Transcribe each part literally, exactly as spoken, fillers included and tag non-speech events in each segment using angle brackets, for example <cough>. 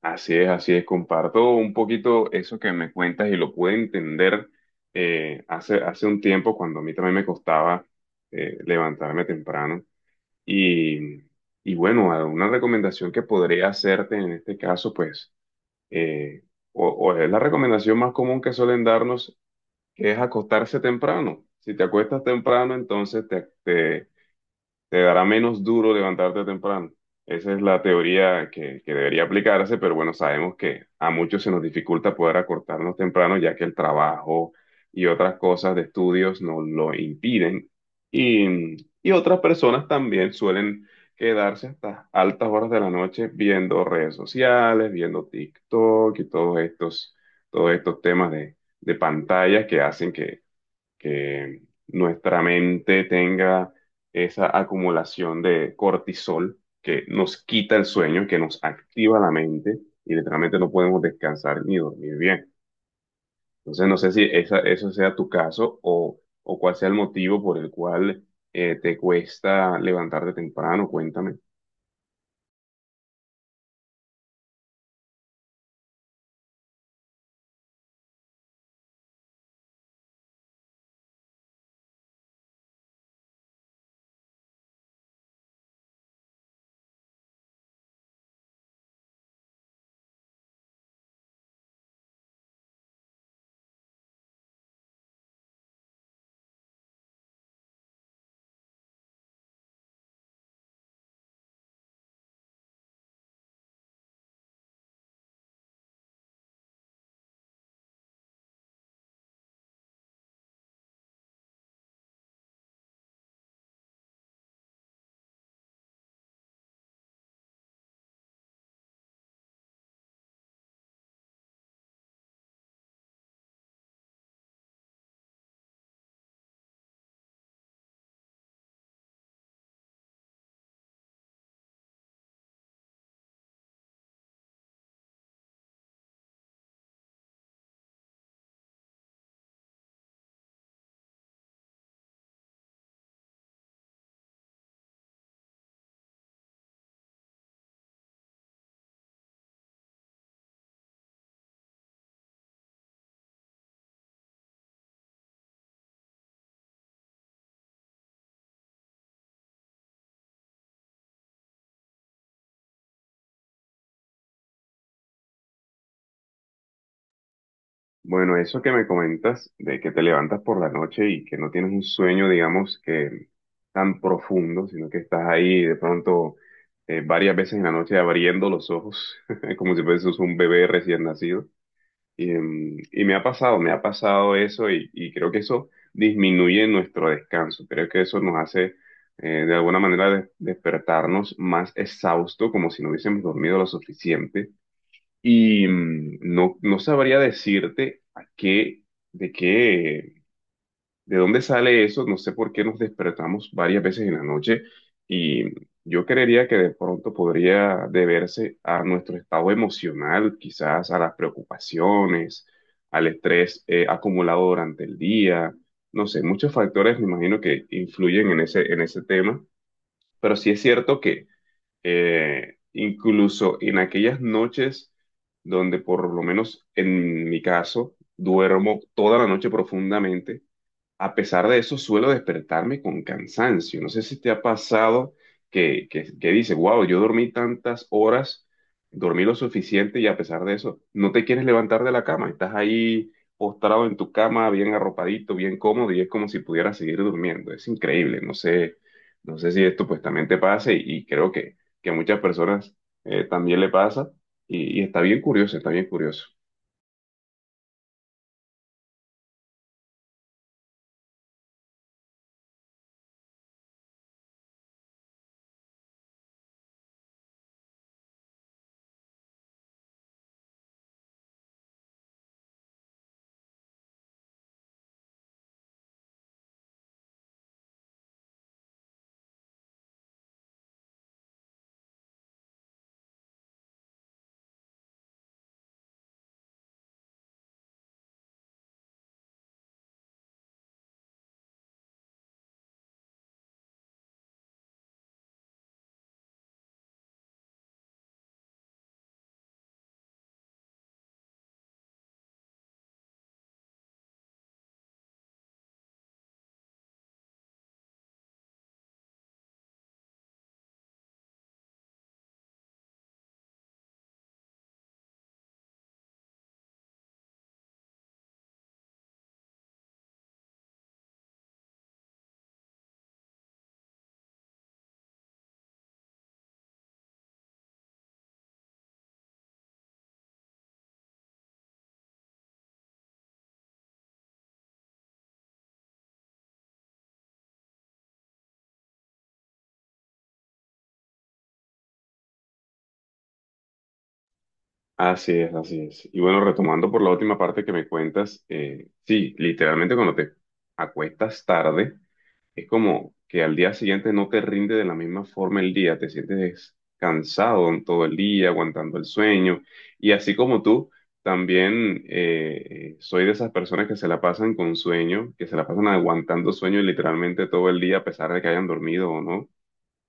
Así es, así es. Comparto un poquito eso que me cuentas y lo pude entender eh, hace, hace un tiempo cuando a mí también me costaba eh, levantarme temprano. Y, y bueno, una recomendación que podría hacerte en este caso, pues, eh, o, o es la recomendación más común que suelen darnos, que es acostarse temprano. Si te acuestas temprano, entonces te dará menos duro levantarte temprano. Esa es la teoría que, que debería aplicarse, pero bueno, sabemos que a muchos se nos dificulta poder acortarnos temprano, ya que el trabajo y otras cosas de estudios nos lo impiden. Y, y otras personas también suelen quedarse hasta altas horas de la noche viendo redes sociales, viendo TikTok y todos estos, todos estos temas de, de pantallas que hacen que que nuestra mente tenga esa acumulación de cortisol que nos quita el sueño, que nos activa la mente y literalmente no podemos descansar ni dormir bien. Entonces, no sé si esa, eso sea tu caso o, o cuál sea el motivo por el cual eh, te cuesta levantarte temprano, cuéntame. Bueno, eso que me comentas de que te levantas por la noche y que no tienes un sueño, digamos, que tan profundo, sino que estás ahí de pronto eh, varias veces en la noche abriendo los ojos, <laughs> como si fueses un bebé recién nacido. Y, em, y me ha pasado, me ha pasado eso y, y creo que eso disminuye nuestro descanso. Creo que eso nos hace eh, de alguna manera de- despertarnos más exhausto, como si no hubiésemos dormido lo suficiente y mm, no, no sabría decirte a qué, de qué, de dónde sale eso. No sé por qué nos despertamos varias veces en la noche. Y yo creería que de pronto podría deberse a nuestro estado emocional, quizás a las preocupaciones, al estrés eh, acumulado durante el día. No sé, muchos factores me imagino que influyen en ese, en ese tema. Pero sí es cierto que eh, incluso en aquellas noches donde por lo menos en mi caso duermo toda la noche profundamente a pesar de eso, suelo despertarme con cansancio. No sé si te ha pasado que, que, que dices, wow, yo dormí tantas horas, dormí lo suficiente y a pesar de eso, no te quieres levantar de la cama. Estás ahí postrado en tu cama, bien arropadito, bien cómodo y es como si pudieras seguir durmiendo. Es increíble. No sé, no sé si esto pues también te pase y, y creo que, que a muchas personas eh, también le pasa y, y está bien curioso, está bien curioso. Así es, así es. Y bueno, retomando por la última parte que me cuentas, eh, sí, literalmente cuando te acuestas tarde, es como que al día siguiente no te rinde de la misma forma el día, te sientes cansado en todo el día, aguantando el sueño. Y así como tú, también eh, eh, soy de esas personas que se la pasan con sueño, que se la pasan aguantando sueño literalmente todo el día, a pesar de que hayan dormido o no.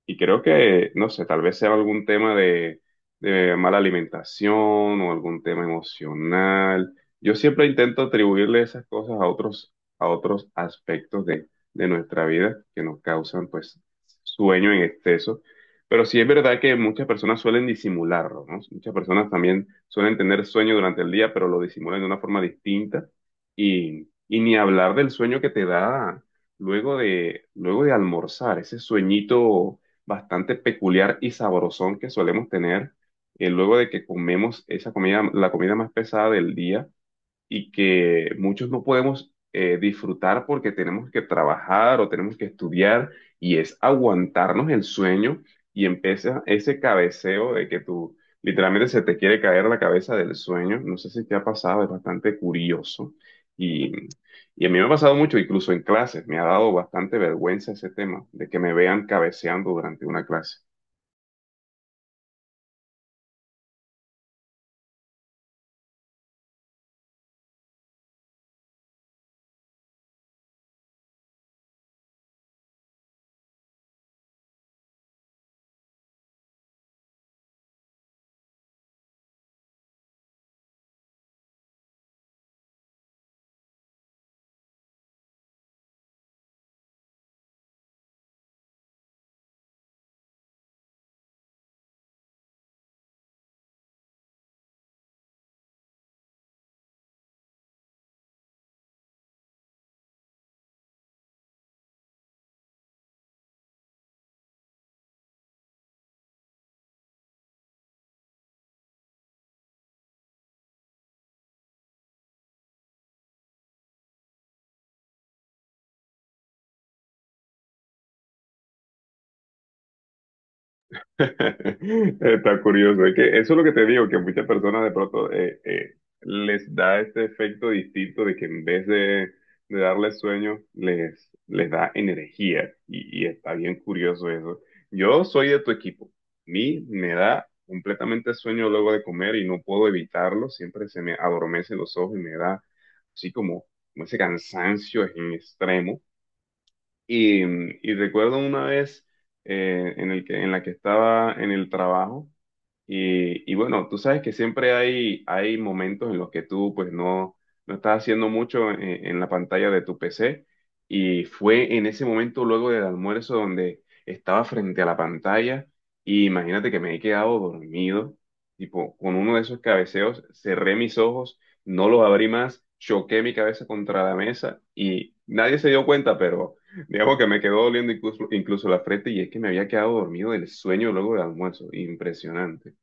Y creo que, no sé, tal vez sea algún tema de, de mala alimentación o algún tema emocional. Yo siempre intento atribuirle esas cosas a otros, a otros aspectos de, de nuestra vida que nos causan, pues, sueño en exceso. Pero sí es verdad que muchas personas suelen disimularlo, ¿no? Muchas personas también suelen tener sueño durante el día, pero lo disimulan de una forma distinta. Y, y ni hablar del sueño que te da luego de, luego de almorzar, ese sueñito bastante peculiar y sabrosón que solemos tener eh, luego de que comemos esa comida, la comida más pesada del día y que muchos no podemos eh, disfrutar porque tenemos que trabajar o tenemos que estudiar y es aguantarnos el sueño y empieza ese cabeceo de que tú literalmente se te quiere caer la cabeza del sueño. No sé si te ha pasado, es bastante curioso y, y a mí me ha pasado mucho, incluso en clases, me ha dado bastante vergüenza ese tema de que me vean cabeceando durante una clase. <laughs> Está curioso, es que eso es lo que te digo, que muchas personas de pronto eh, eh, les da este efecto distinto de que en vez de, de darles sueño, les, les da energía y, y está bien curioso eso. Yo soy de tu equipo, a mí me da completamente sueño luego de comer y no puedo evitarlo, siempre se me adormecen los ojos y me da así como, como ese cansancio en extremo y, y recuerdo una vez eh, en el que, en la que estaba en el trabajo. Y, y bueno, tú sabes que siempre hay, hay momentos en los que tú pues no, no estás haciendo mucho en, en la pantalla de tu P C y fue en ese momento luego del almuerzo donde estaba frente a la pantalla y imagínate que me he quedado dormido, tipo con uno de esos cabeceos, cerré mis ojos, no los abrí más, choqué mi cabeza contra la mesa y nadie se dio cuenta, pero <laughs> digamos que me quedó doliendo incluso, incluso la frente y es que me había quedado dormido del sueño luego del almuerzo, impresionante.